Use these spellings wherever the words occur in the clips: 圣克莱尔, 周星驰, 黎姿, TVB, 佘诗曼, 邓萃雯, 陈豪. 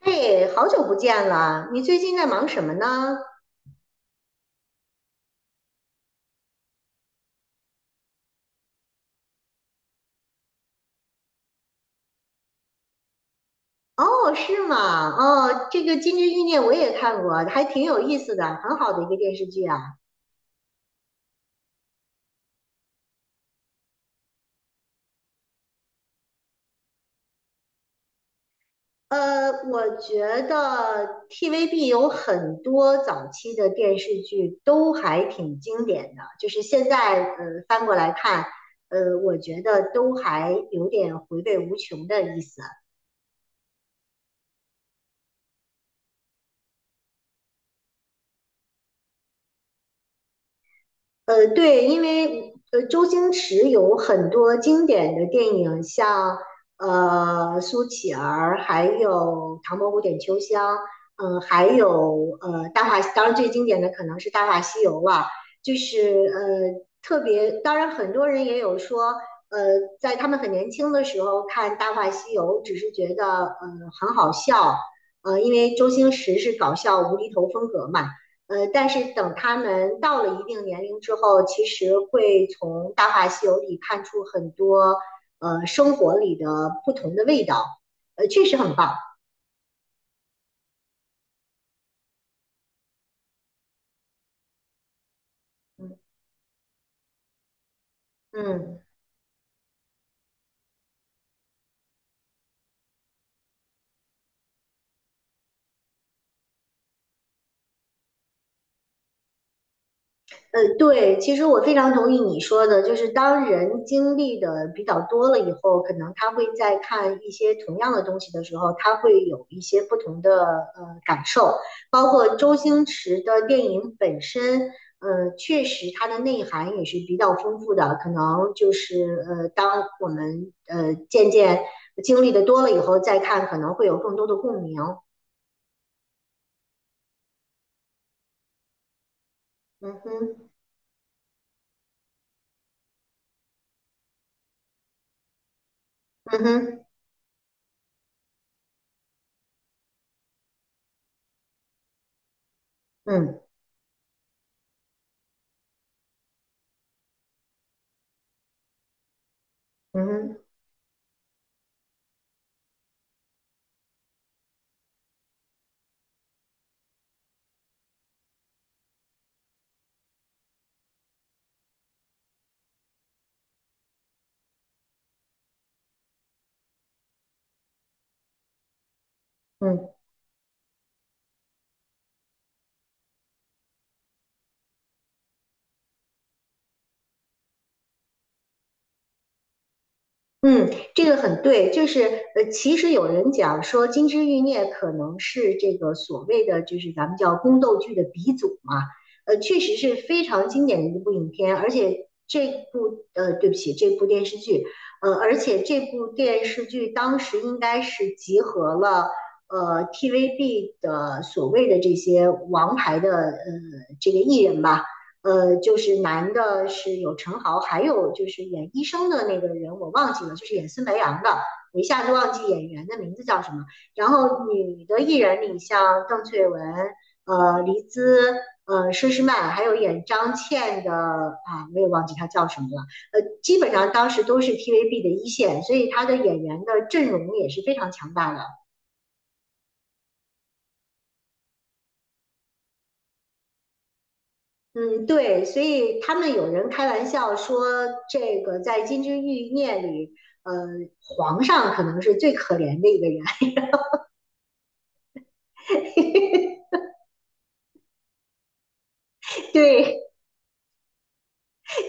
哎，好久不见了，你最近在忙什么呢？哦，是吗？哦，这个《金枝欲孽》我也看过，还挺有意思的，很好的一个电视剧啊。我觉得 TVB 有很多早期的电视剧都还挺经典的，就是现在翻过来看，我觉得都还有点回味无穷的意思。对，因为周星驰有很多经典的电影，像呃《苏乞儿》，还有《唐伯虎点秋香》，还有《大话》，当然最经典的可能是《大话西游》了。就是特别，当然很多人也有说，呃，在他们很年轻的时候看《大话西游》，只是觉得很好笑，因为周星驰是搞笑无厘头风格嘛。但是等他们到了一定年龄之后，其实会从《大话西游》里看出很多生活里的不同的味道，确实很棒。嗯嗯。对，其实我非常同意你说的，就是当人经历的比较多了以后，可能他会在看一些同样的东西的时候，他会有一些不同的感受，包括周星驰的电影本身，确实它的内涵也是比较丰富的，可能就是当我们渐渐经历的多了以后再看，可能会有更多的共鸣。嗯哼，嗯哼，嗯，嗯哼，嗯。嗯，这个很对，就是其实有人讲说《金枝欲孽》可能是这个所谓的就是咱们叫宫斗剧的鼻祖嘛，确实是非常经典的一部影片，而且这部对不起，这部电视剧，而且这部电视剧当时应该是集合了 TVB 的所谓的这些王牌的这个艺人吧，就是男的是有陈豪，还有就是演医生的那个人我忘记了，就是演孙白杨的，我一下子忘记演员的名字叫什么。然后女的艺人里，像邓萃雯、黎姿、佘诗曼，还有演张倩的啊，我也忘记她叫什么了。基本上当时都是 TVB 的一线，所以她的演员的阵容也是非常强大的。嗯，对，所以他们有人开玩笑说，这个在《金枝玉孽》里，呃，皇上可能是最可怜的一个人，对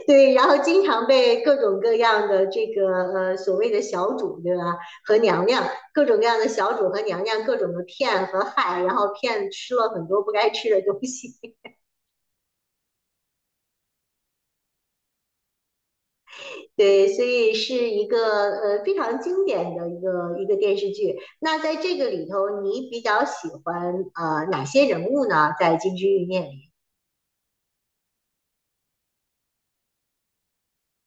对，然后经常被各种各样的这个所谓的小主，对吧？和娘娘各种各样的小主和娘娘各种的骗和害，然后骗吃了很多不该吃的东西。对，所以是一个非常经典的一个电视剧。那在这个里头，你比较喜欢哪些人物呢？在《金枝欲孽》里，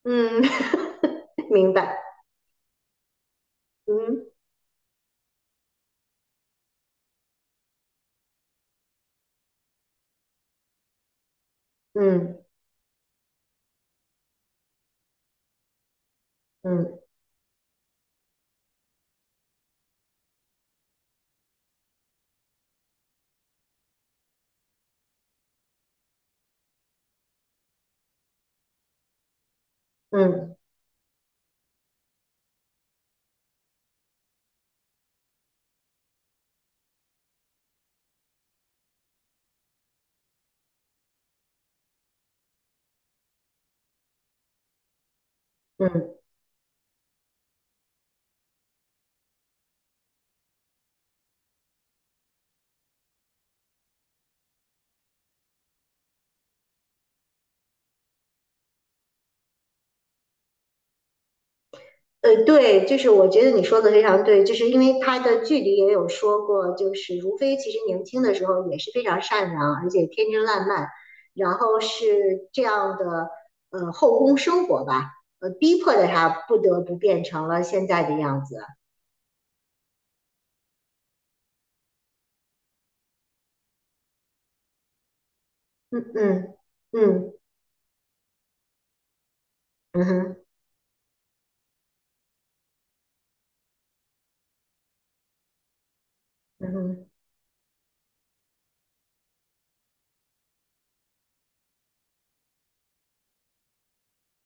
嗯，明白，嗯嗯嗯嗯嗯对，就是我觉得你说的非常对，就是因为他的剧里也有说过，就是如妃其实年轻的时候也是非常善良，而且天真烂漫，然后是这样的后宫生活吧，逼迫着她不得不变成了现在的样子。嗯嗯嗯嗯哼嗯哼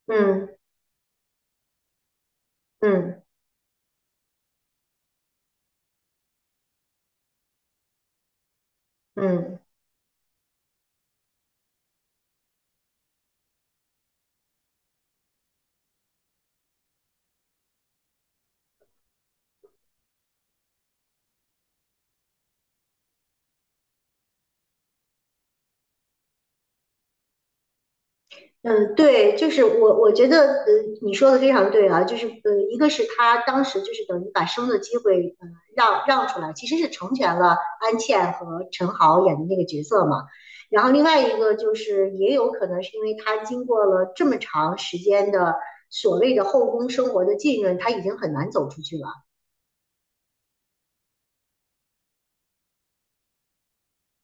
嗯嗯嗯。嗯嗯，对，我觉得，你说的非常对啊，就是，一个是他当时就是等于把生的机会，让出来，其实是成全了安茜和陈豪演的那个角色嘛。然后另外一个就是，也有可能是因为他经过了这么长时间的所谓的后宫生活的浸润，他已经很难走出去了。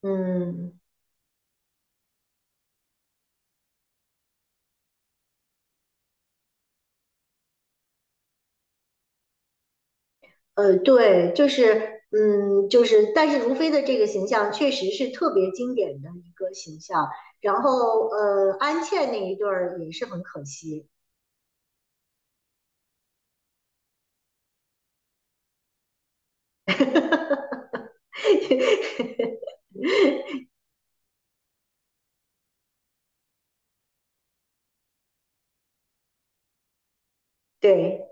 嗯。对，就是，但是如飞的这个形象确实是特别经典的一个形象。然后，安茜那一对儿也是很可惜，对。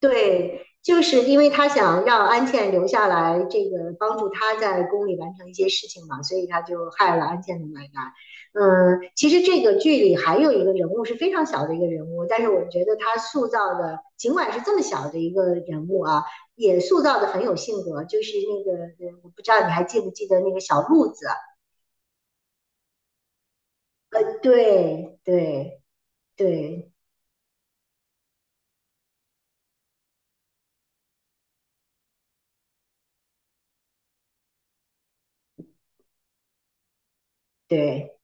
对，就是因为他想让安茜留下来，这个帮助他在宫里完成一些事情嘛，所以他就害了安茜的奶奶。嗯，其实这个剧里还有一个人物是非常小的一个人物，但是我觉得他塑造的，尽管是这么小的一个人物啊，也塑造的很有性格。就是那个，我不知道你还记不记得那个小鹿子啊？呃，对对对对。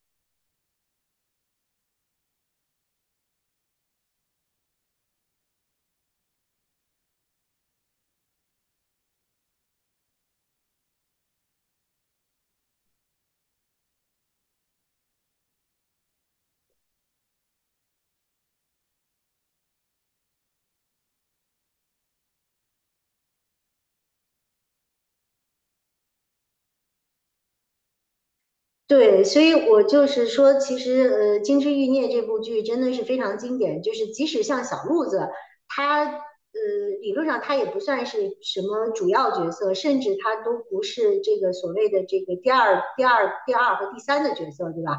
对，所以我就是说，其实《金枝欲孽》这部剧真的是非常经典。就是即使像小鹿子，他理论上他也不算是什么主要角色，甚至他都不是这个所谓的这个第二和第三的角色，对吧？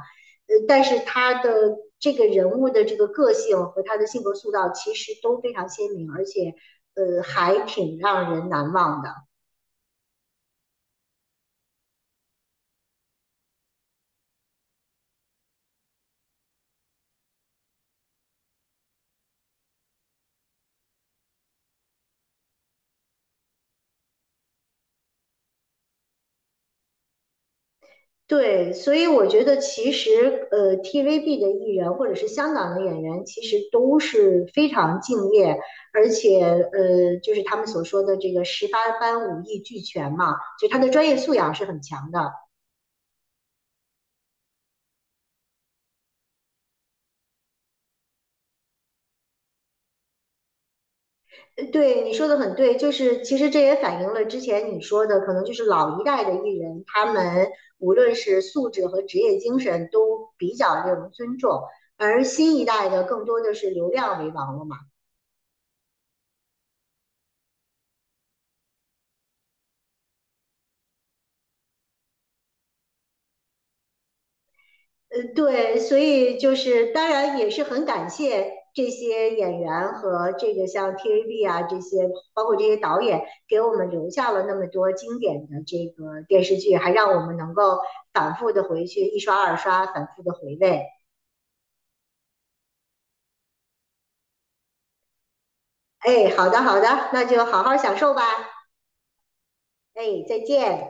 但是他的这个人物的这个个性和他的性格塑造其实都非常鲜明，而且还挺让人难忘的。对，所以我觉得其实，TVB 的艺人或者是香港的演员，其实都是非常敬业，而且，就是他们所说的这个十八般武艺俱全嘛，就他的专业素养是很强的。对，你说的很对，就是其实这也反映了之前你说的，可能就是老一代的艺人，他们无论是素质和职业精神都比较令人尊重，而新一代的更多的是流量为王了嘛。对，所以就是当然也是很感谢这些演员和这个像 TVB 啊这些，包括这些导演给我们留下了那么多经典的这个电视剧，还让我们能够反复的回去一刷二刷，反复的回味。哎，好的好的，那就好好享受吧。哎，再见。